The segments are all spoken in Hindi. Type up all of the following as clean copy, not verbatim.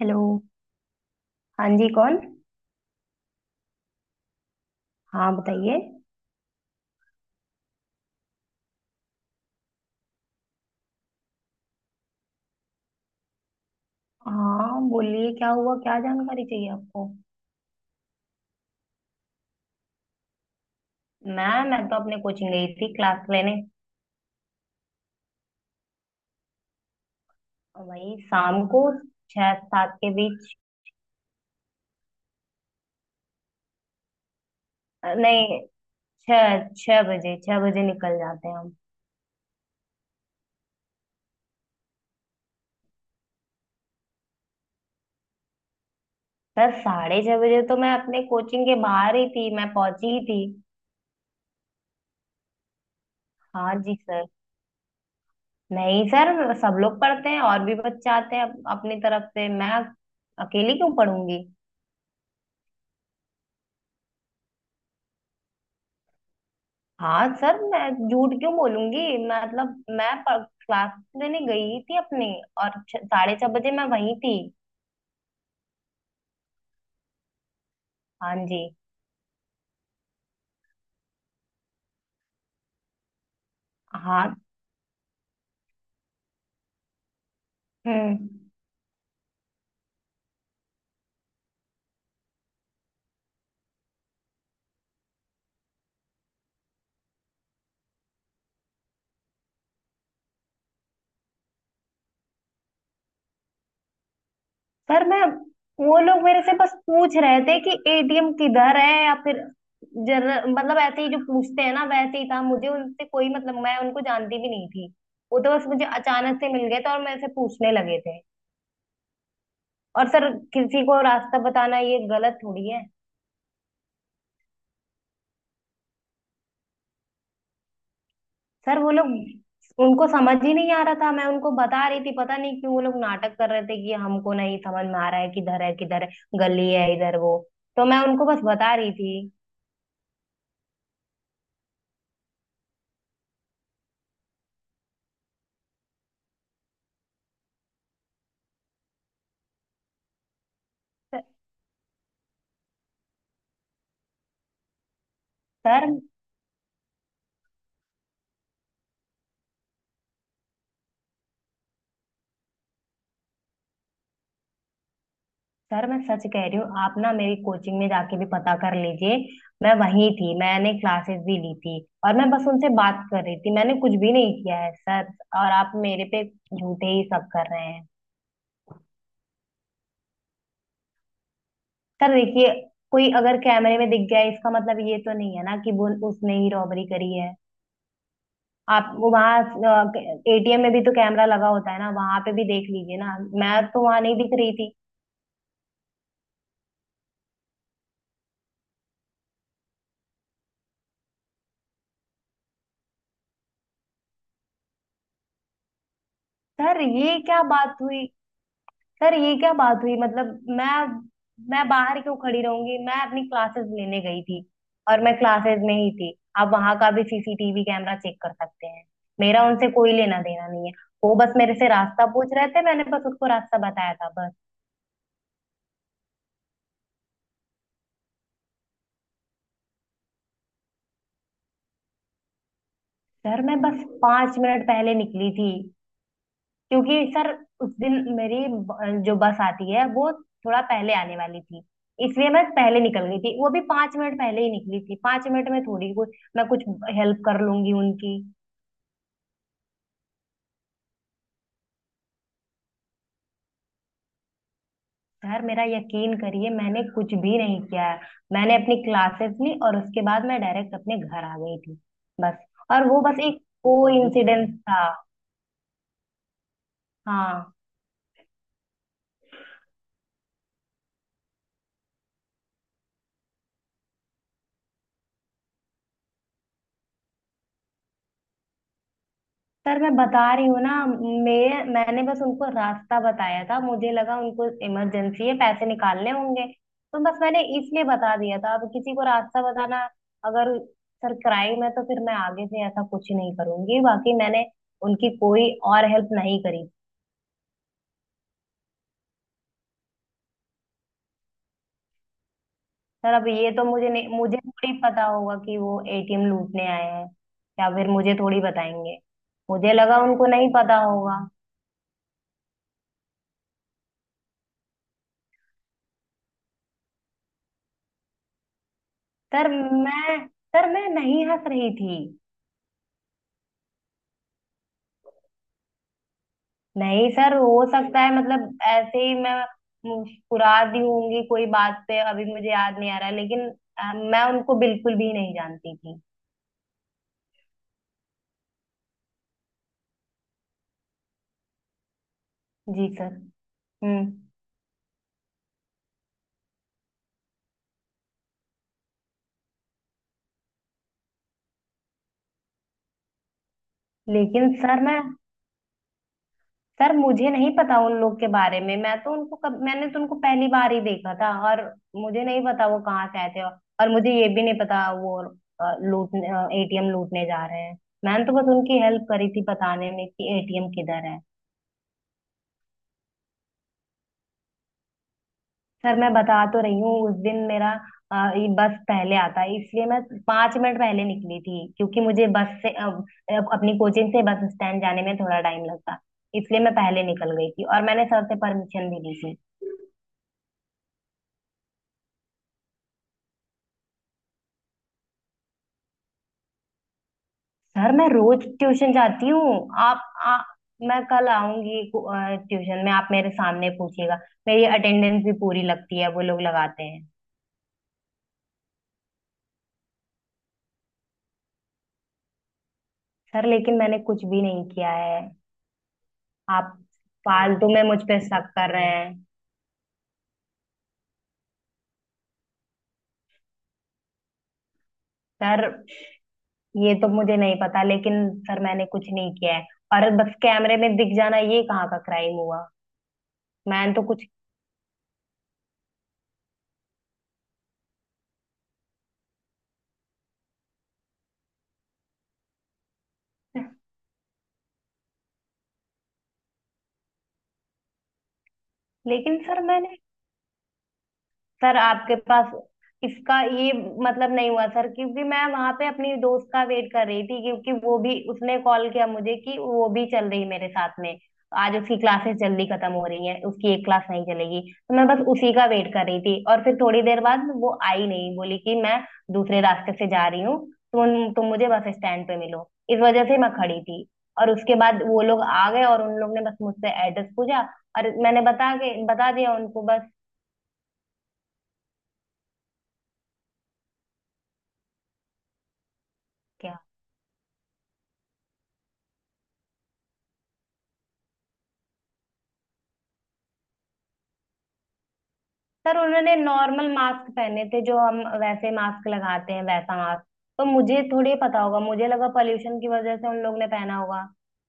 हेलो। हाँ जी कौन? हाँ बताइए। हाँ बोलिए, क्या हुआ, क्या जानकारी चाहिए आपको? मैं तो अपने कोचिंग गई थी क्लास लेने। और वही शाम को, 6 7 के बीच। नहीं, छह छह बजे 6 बजे निकल जाते हैं हम। सर 6:30 बजे तो मैं अपने कोचिंग के बाहर ही थी, मैं पहुंची ही थी। हाँ जी सर। नहीं सर, सब लोग पढ़ते हैं, और भी बच्चे आते हैं, अपनी तरफ से मैं अकेली क्यों पढ़ूंगी? हाँ सर, मैं झूठ क्यों बोलूंगी? मतलब मैं क्लास लेने गई थी अपनी। और 6:30 बजे मैं वहीं थी। हाँ जी। हाँ। हम्म। सर मैं वो लोग मेरे से बस पूछ रहे थे कि एटीएम किधर है, या फिर जर, मतलब ऐसे ही जो पूछते हैं ना वैसे ही था। मुझे उनसे कोई मतलब, मैं उनको जानती भी नहीं थी। वो तो बस मुझे अचानक से मिल गए थे और मेरे से पूछने लगे थे। और सर, किसी को रास्ता बताना ये गलत थोड़ी है। सर वो लोग उनको समझ ही नहीं आ रहा था, मैं उनको बता रही थी। पता नहीं क्यों वो लोग नाटक कर रहे थे कि हमको नहीं समझ में आ रहा है किधर है, किधर है। गली है इधर, वो तो मैं उनको बस बता रही थी। सर- सर सर मैं सच कह रही हूँ, आप ना मेरी कोचिंग में जाके भी पता कर लीजिए। मैं वहीं थी, मैंने क्लासेस भी ली थी। और मैं बस उनसे बात कर रही थी, मैंने कुछ भी नहीं किया है सर। और आप मेरे पे झूठे ही सब कर रहे हैं। सर देखिए, कोई अगर कैमरे में दिख गया इसका मतलब ये तो नहीं है ना कि वो, उसने ही रॉबरी करी है। आप वो वहाँ, एटीएम में भी तो कैमरा लगा होता है ना, वहां पे भी देख लीजिए ना, मैं तो वहां नहीं दिख रही थी। सर ये क्या बात हुई सर ये क्या बात हुई, मैं बाहर क्यों खड़ी रहूंगी? मैं अपनी क्लासेस लेने गई थी, और मैं क्लासेस में ही थी। आप वहां का भी सीसीटीवी कैमरा चेक कर सकते हैं। मेरा उनसे कोई लेना देना नहीं है। वो बस मेरे से रास्ता पूछ रहे थे, मैंने बस उसको रास्ता बताया था बस। सर मैं बस 5 मिनट पहले निकली थी, क्योंकि सर उस दिन मेरी जो बस आती है वो थोड़ा पहले आने वाली थी, इसलिए मैं पहले निकल गई थी। वो भी 5 मिनट पहले ही निकली थी, 5 मिनट में थोड़ी कोई मैं कुछ हेल्प कर लूंगी उनकी। सर मेरा यकीन करिए, मैंने कुछ भी नहीं किया है। मैंने अपनी क्लासेस ली और उसके बाद मैं डायरेक्ट अपने घर आ गई थी बस। और वो बस एक को इंसिडेंस था। हाँ सर, मैं बता रही हूँ ना, मैंने बस उनको रास्ता बताया था, मुझे लगा उनको इमरजेंसी है, पैसे निकालने होंगे, तो बस मैंने इसलिए बता दिया था। अब किसी को रास्ता बताना अगर सर क्राइम है तो फिर मैं आगे से ऐसा कुछ नहीं करूंगी, बाकी मैंने उनकी कोई और हेल्प नहीं करी। सर अब ये तो मुझे नहीं, मुझे थोड़ी पता होगा कि वो एटीएम लूटने आए हैं, या फिर मुझे थोड़ी बताएंगे? मुझे लगा उनको नहीं पता होगा। सर मैं सर मैं नहीं हंस रही थी। नहीं सर, हो सकता है, मतलब ऐसे ही मैं फुरा दी होंगी कोई बात पे, अभी मुझे याद नहीं आ रहा है, लेकिन मैं उनको बिल्कुल भी नहीं जानती थी। जी सर। हम्म। लेकिन सर मैं सर मुझे नहीं पता उन लोग के बारे में, मैं तो उनको कब, मैंने तो उनको पहली बार ही देखा था, और मुझे नहीं पता वो कहाँ से आए थे, और मुझे ये भी नहीं पता वो लूटने एटीएम लूटने जा रहे हैं। मैंने तो बस उनकी हेल्प करी थी बताने में कि एटीएम किधर है। सर मैं बता तो रही हूँ, उस दिन मेरा ये बस पहले आता है, इसलिए मैं 5 मिनट पहले निकली थी, क्योंकि मुझे बस से अपनी कोचिंग से बस स्टैंड जाने में थोड़ा टाइम लगता, इसलिए मैं पहले निकल गई थी, और मैंने सर से परमिशन भी ली थी। सर मैं रोज ट्यूशन जाती हूँ। आप आ, मैं कल आऊंगी ट्यूशन में, आप मेरे सामने पूछिएगा। मेरी अटेंडेंस भी पूरी लगती है, वो लोग लगाते हैं। सर लेकिन मैंने कुछ भी नहीं किया है, आप फालतू में मुझ पे शक कर रहे हैं। सर ये तो मुझे नहीं पता, लेकिन सर मैंने कुछ नहीं किया है। और बस कैमरे में दिख जाना ये कहाँ का क्राइम हुआ? मैंने तो कुछ लेकिन सर मैंने सर आपके पास इसका ये मतलब नहीं हुआ सर, क्योंकि मैं वहां पे अपनी दोस्त का वेट कर रही थी, क्योंकि वो भी, उसने कॉल किया मुझे कि वो भी चल रही है मेरे साथ में। आज उसकी क्लासेस जल्दी खत्म हो रही हैं, उसकी एक क्लास नहीं चलेगी, तो मैं बस उसी का वेट कर रही थी। और फिर थोड़ी देर बाद वो आई नहीं, बोली कि मैं दूसरे रास्ते से जा रही हूँ, तुम मुझे बस स्टैंड पे मिलो। इस वजह से मैं खड़ी थी। और उसके बाद वो लोग आ गए, और उन लोग ने बस मुझसे एड्रेस पूछा, और मैंने बता के बता दिया उनको बस। क्या? सर उन्होंने नॉर्मल मास्क पहने थे, जो हम वैसे मास्क लगाते हैं वैसा मास्क, तो मुझे थोड़ी पता होगा, मुझे लगा पॉल्यूशन की वजह से उन लोग ने पहना होगा,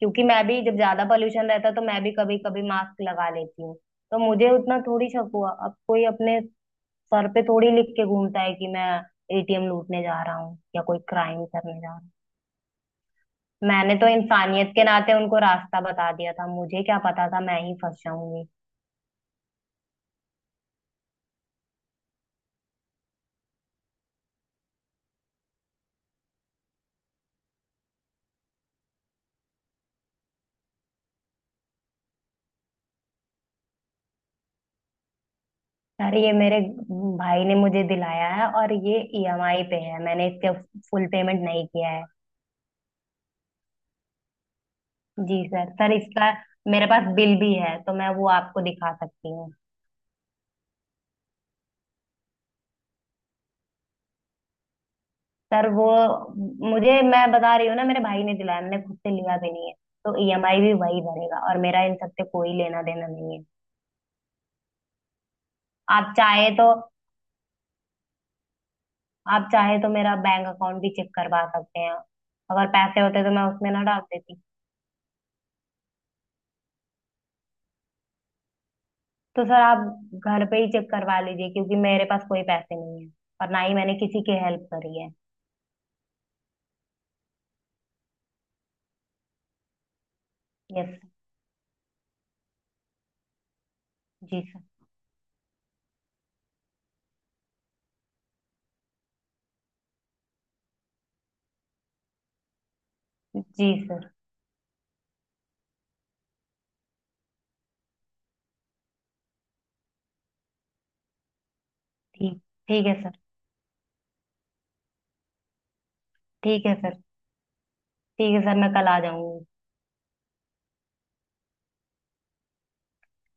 क्योंकि मैं भी जब ज्यादा पॉल्यूशन रहता है तो मैं भी कभी कभी मास्क लगा लेती हूँ। तो मुझे उतना थोड़ी शक हुआ, अब कोई अपने सर पे थोड़ी लिख के घूमता है कि मैं एटीएम लूटने जा रहा हूँ या कोई क्राइम करने जा रहा हूँ। मैंने तो इंसानियत के नाते उनको रास्ता बता दिया था, मुझे क्या पता था मैं ही फंस जाऊंगी। अरे ये मेरे भाई ने मुझे दिलाया है, और ये ईएमआई पे है, मैंने इसका फुल पेमेंट नहीं किया है। जी सर। सर इसका मेरे पास बिल भी है, तो मैं वो आपको दिखा सकती हूँ। सर वो मुझे, मैं बता रही हूँ ना, मेरे भाई ने दिलाया, मैंने खुद से लिया भी नहीं है। तो ईएमआई भी वही भरेगा, और मेरा इन सबसे कोई लेना देना नहीं है। आप चाहे तो आप चाहे तो मेरा बैंक अकाउंट भी चेक करवा सकते हैं। अगर पैसे होते तो मैं उसमें ना डाल देती। तो सर आप घर पे ही चेक करवा लीजिए, क्योंकि मेरे पास कोई पैसे नहीं है, और ना ही मैंने किसी की हेल्प करी है। Yes sir. जी सर। जी सर। ठीक। ठीक है सर। ठीक है सर। ठीक है सर, मैं कल आ जाऊंगी।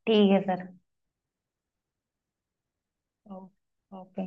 ठीक है सर। ओ- ओके।